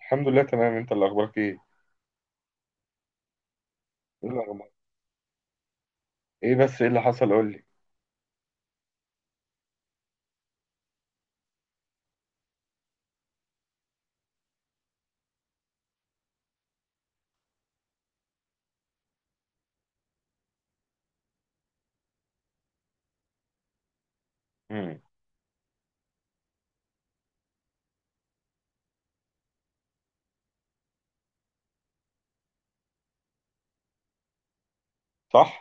الحمد لله، تمام. انت اللي اخبارك ايه؟ ايه الاخبار؟ ايه، بس ايه اللي حصل؟ قول لي. امم صح.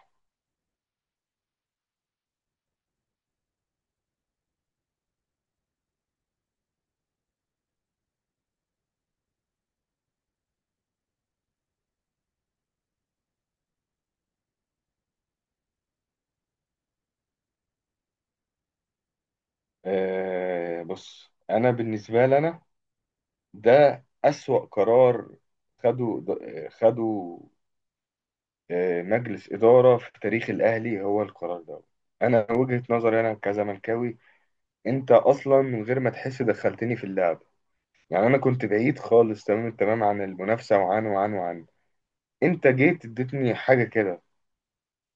آه، بص. انا بالنسبه لي، انا ده اسوأ قرار خده خده آه، مجلس اداره في تاريخ الاهلي، هو القرار ده. انا وجهه نظري انا كزملكاوي، انت اصلا من غير ما تحس دخلتني في اللعب، يعني انا كنت بعيد خالص، تمام التمام، عن المنافسه وعن. انت جيت اديتني حاجه كده،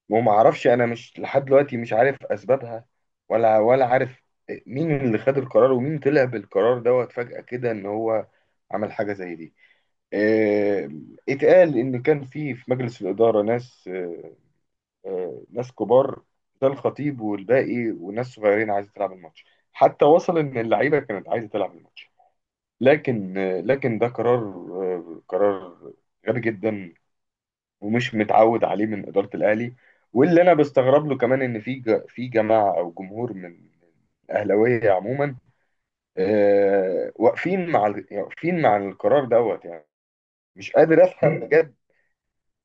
وما اعرفش. انا مش لحد دلوقتي مش عارف اسبابها، ولا عارف مين اللي خد القرار، ومين طلع بالقرار دوت فجأة كده، ان هو عمل حاجة زي دي. آه، اتقال ان كان في مجلس الإدارة ناس، آه، ناس كبار، ده الخطيب والباقي، وناس صغيرين عايزة تلعب الماتش. حتى وصل ان اللعيبة كانت عايزة تلعب الماتش. لكن آه، لكن ده قرار، آه، قرار غبي جدا، ومش متعود عليه من إدارة الأهلي. واللي أنا بستغرب له كمان، إن في في جماعة أو جمهور من الأهلاوية عموما، آه، واقفين مع يعني واقفين مع القرار دوت، يعني مش قادر أفهم بجد.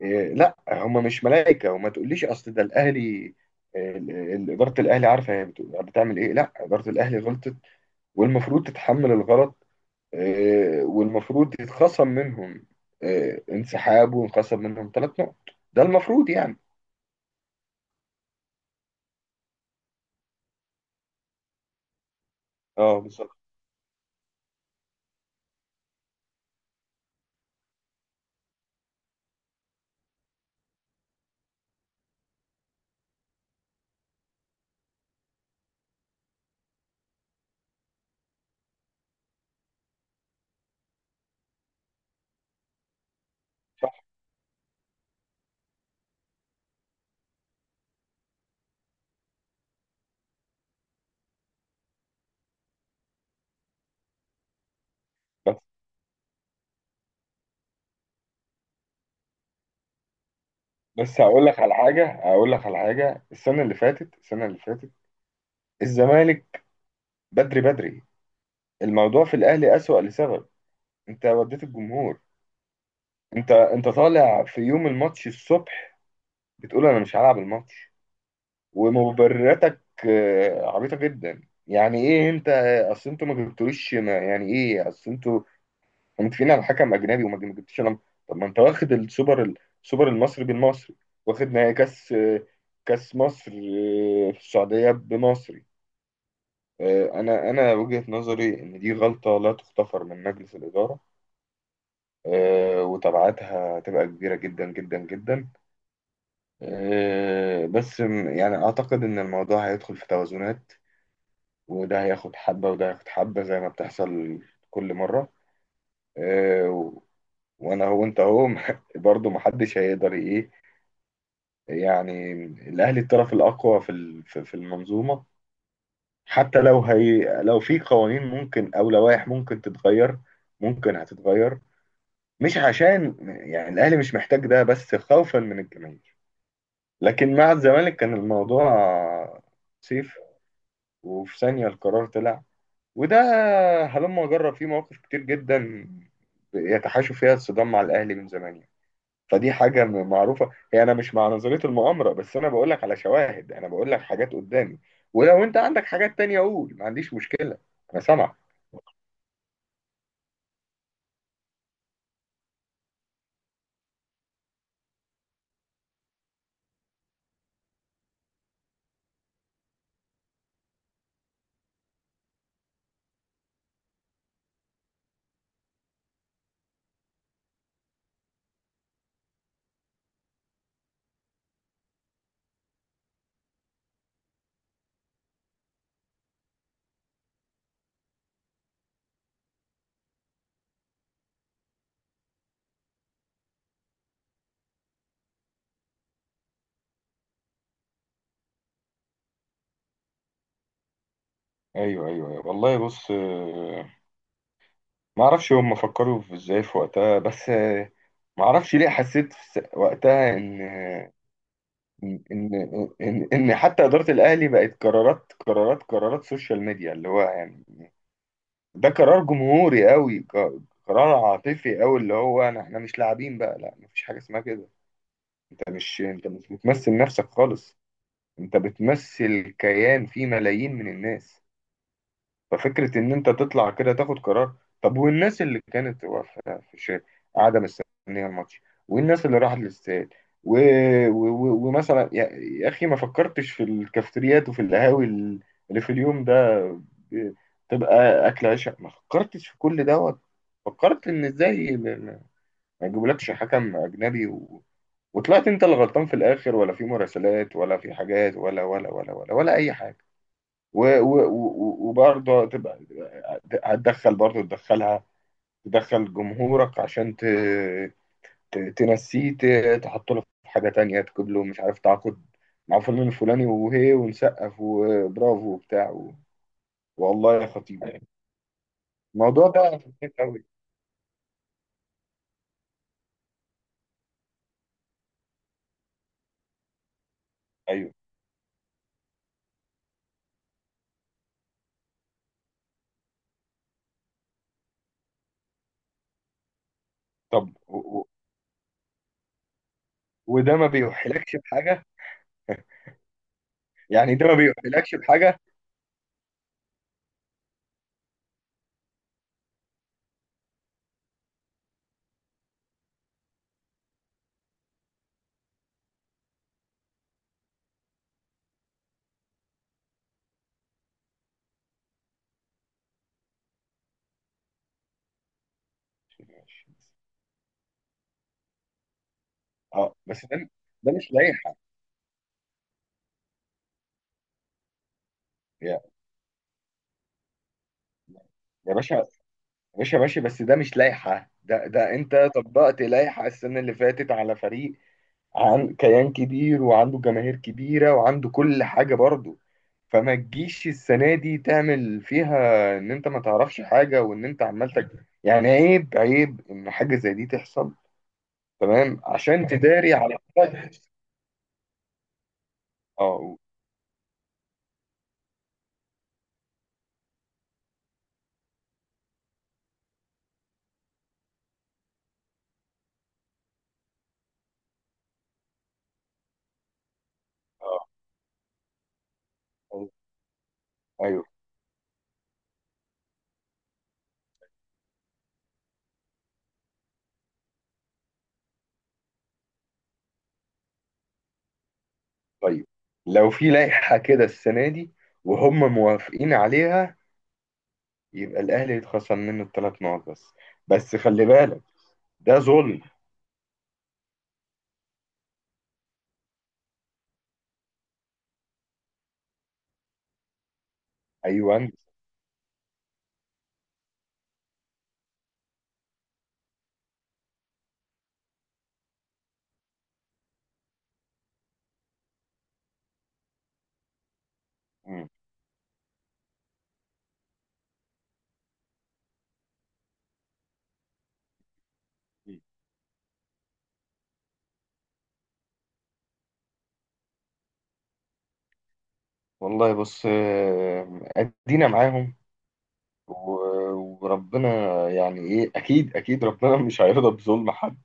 آه، لا، هم مش ملائكة، وما تقوليش أصل ده الأهلي. آه، إدارة الأهلي عارفة هي بتعمل إيه. لا، إدارة الأهلي غلطت، والمفروض تتحمل الغلط. آه، والمفروض يتخصم منهم، آه، انسحاب، وينخصم منهم ثلاث نقط. ده المفروض يعني. اه، بالظبط. صح. بس بس هقول لك على حاجه، هقول لك على حاجه. السنه اللي فاتت، السنه اللي فاتت الزمالك، بدري بدري. الموضوع في الاهلي اسوأ، لسبب: انت وديت الجمهور. انت طالع في يوم الماتش الصبح بتقول انا مش هلعب الماتش. ومبرراتك آه، عبيطه جدا. يعني ايه انت، اصل انتوا ما جبتوليش يعني ايه اصل انتوا ومتفقين على حكم اجنبي وما جبتش انا. طب ما انت واخد السوبر، السوبر المصري بالمصري. واخد نهائي كاس، كاس مصر في السعوديه بمصري. آه، انا وجهه نظري ان دي غلطه لا تغتفر من مجلس الاداره. آه، وتبعاتها هتبقى كبيره جدا جدا جدا. آه، بس يعني اعتقد ان الموضوع هيدخل في توازنات، وده هياخد حبه وده هياخد حبه، زي ما بتحصل كل مره. آه، وانا هو انت هو برضه محدش هيقدر ايه. يعني الاهلي الطرف الاقوى في في المنظومه. حتى لو هي، لو في قوانين ممكن او لوائح ممكن تتغير، ممكن هتتغير. مش عشان، يعني الاهلي مش محتاج ده، بس خوفا من الجماهير. لكن مع الزمالك كان الموضوع سيف، وفي ثانيه القرار طلع. وده هلما جرى فيه مواقف كتير جدا يتحاشوا فيها الصدام مع الاهلي من زمان يعني. فدي حاجة معروفة. هي أنا مش مع نظرية المؤامرة، بس أنا بقول لك على شواهد، أنا بقول لك حاجات قدامي. ولو أنت عندك حاجات تانية قول، ما عنديش مشكلة، أنا سامعك. ايوه ايوه ايوه، والله. بص آه، ما اعرفش هم فكروا في ازاي في وقتها. بس آه، ما اعرفش ليه حسيت في وقتها ان إن حتى اداره الاهلي بقت قرارات قرارات قرارات سوشيال ميديا، اللي هو يعني ده قرار جمهوري قوي، قرار عاطفي قوي، اللي هو انا احنا مش لاعبين بقى. لا، مفيش حاجه اسمها كده. انت مش بتمثل نفسك خالص، انت بتمثل كيان فيه ملايين من الناس. ففكرة ان انت تطلع كده تاخد قرار، طب والناس اللي كانت واقفة في الشارع قاعدة مستنية الماتش، والناس اللي راحت الاستاد، و... ومثلا يا اخي، ما فكرتش في الكافتريات وفي القهاوي اللي في اليوم ده، ب- تبقى اكل عشاء، ما فكرتش في كل دوت. فكرت ان ازاي ما يجيبولكش حكم اجنبي، وطلعت انت اللي غلطان في الاخر، ولا في مراسلات، ولا في حاجات، ولا اي حاجه. وبرضه هتبقى، هتدخل برضه تدخلها، تدخل جمهورك عشان تنسيه، تحط له في حاجه تانية، تجيب له مش عارف تعاقد مع فلان الفلاني، وهي ونسقف وبرافو وبتاع والله يا خطيب يعني، الموضوع ده خطير قوي. ايوه. طب وده ما بيوحلكش بحاجه، يعني ده ما بيوحلكش بحاجه. ماشي. اه، بس ده مش لائحة. يا يا باشا، يا باشا ماشي، بس ده مش لائحة. ده انت طبقت لائحة السنة اللي فاتت على فريق، عن كيان كبير وعنده جماهير كبيرة وعنده كل حاجة برضه. فما تجيش السنة دي تعمل فيها ان انت ما تعرفش حاجة، وان انت عمال يعني عيب، عيب ان حاجة زي دي تحصل، تمام، عشان تداري على حاجة. اه اه ايوه. طيب، لو في لائحة كده السنة دي وهم موافقين عليها، يبقى الأهلي يتخصم منه الثلاث نقط بس، بس خلي بالك ده ظلم. أيوة. أنت. مم. والله بص، آه، أدينا معاهم و- وربنا، يعني إيه، أكيد أكيد ربنا مش هيرضى بظلم حد،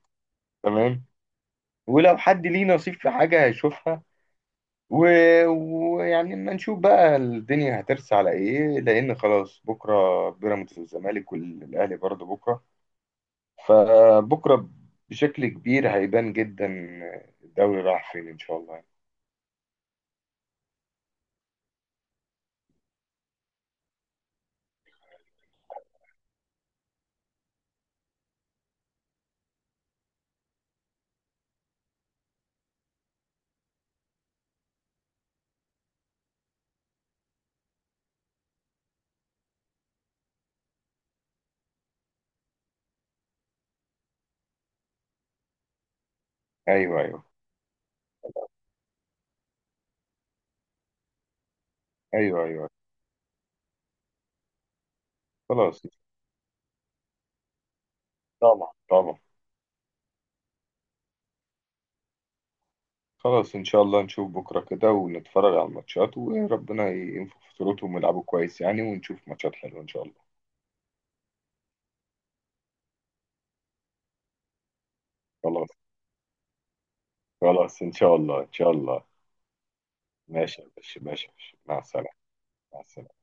تمام. ولو حد ليه نصيب في حاجة هيشوفها، و- ويعني اما نشوف بقى الدنيا هترسى على إيه، لأن خلاص بكرة بيراميدز والزمالك، والأهلي برضه بكرة. فبكرة بشكل كبير هيبان جدا الدوري راح فين إن شاء الله. أيوه أيوه أيوه أيوه. خلاص. طبعا طبعا. خلاص، إن شاء الله نشوف بكرة كده ونتفرج على الماتشات، وربنا ينفخ في صورتهم ويلعبوا كويس يعني، ونشوف ماتشات حلوة إن شاء الله. خلاص، خلاص إن شاء الله إن شاء الله. ماشي يا باشا، ماشي يا باشا، مع السلامة. مع السلامة.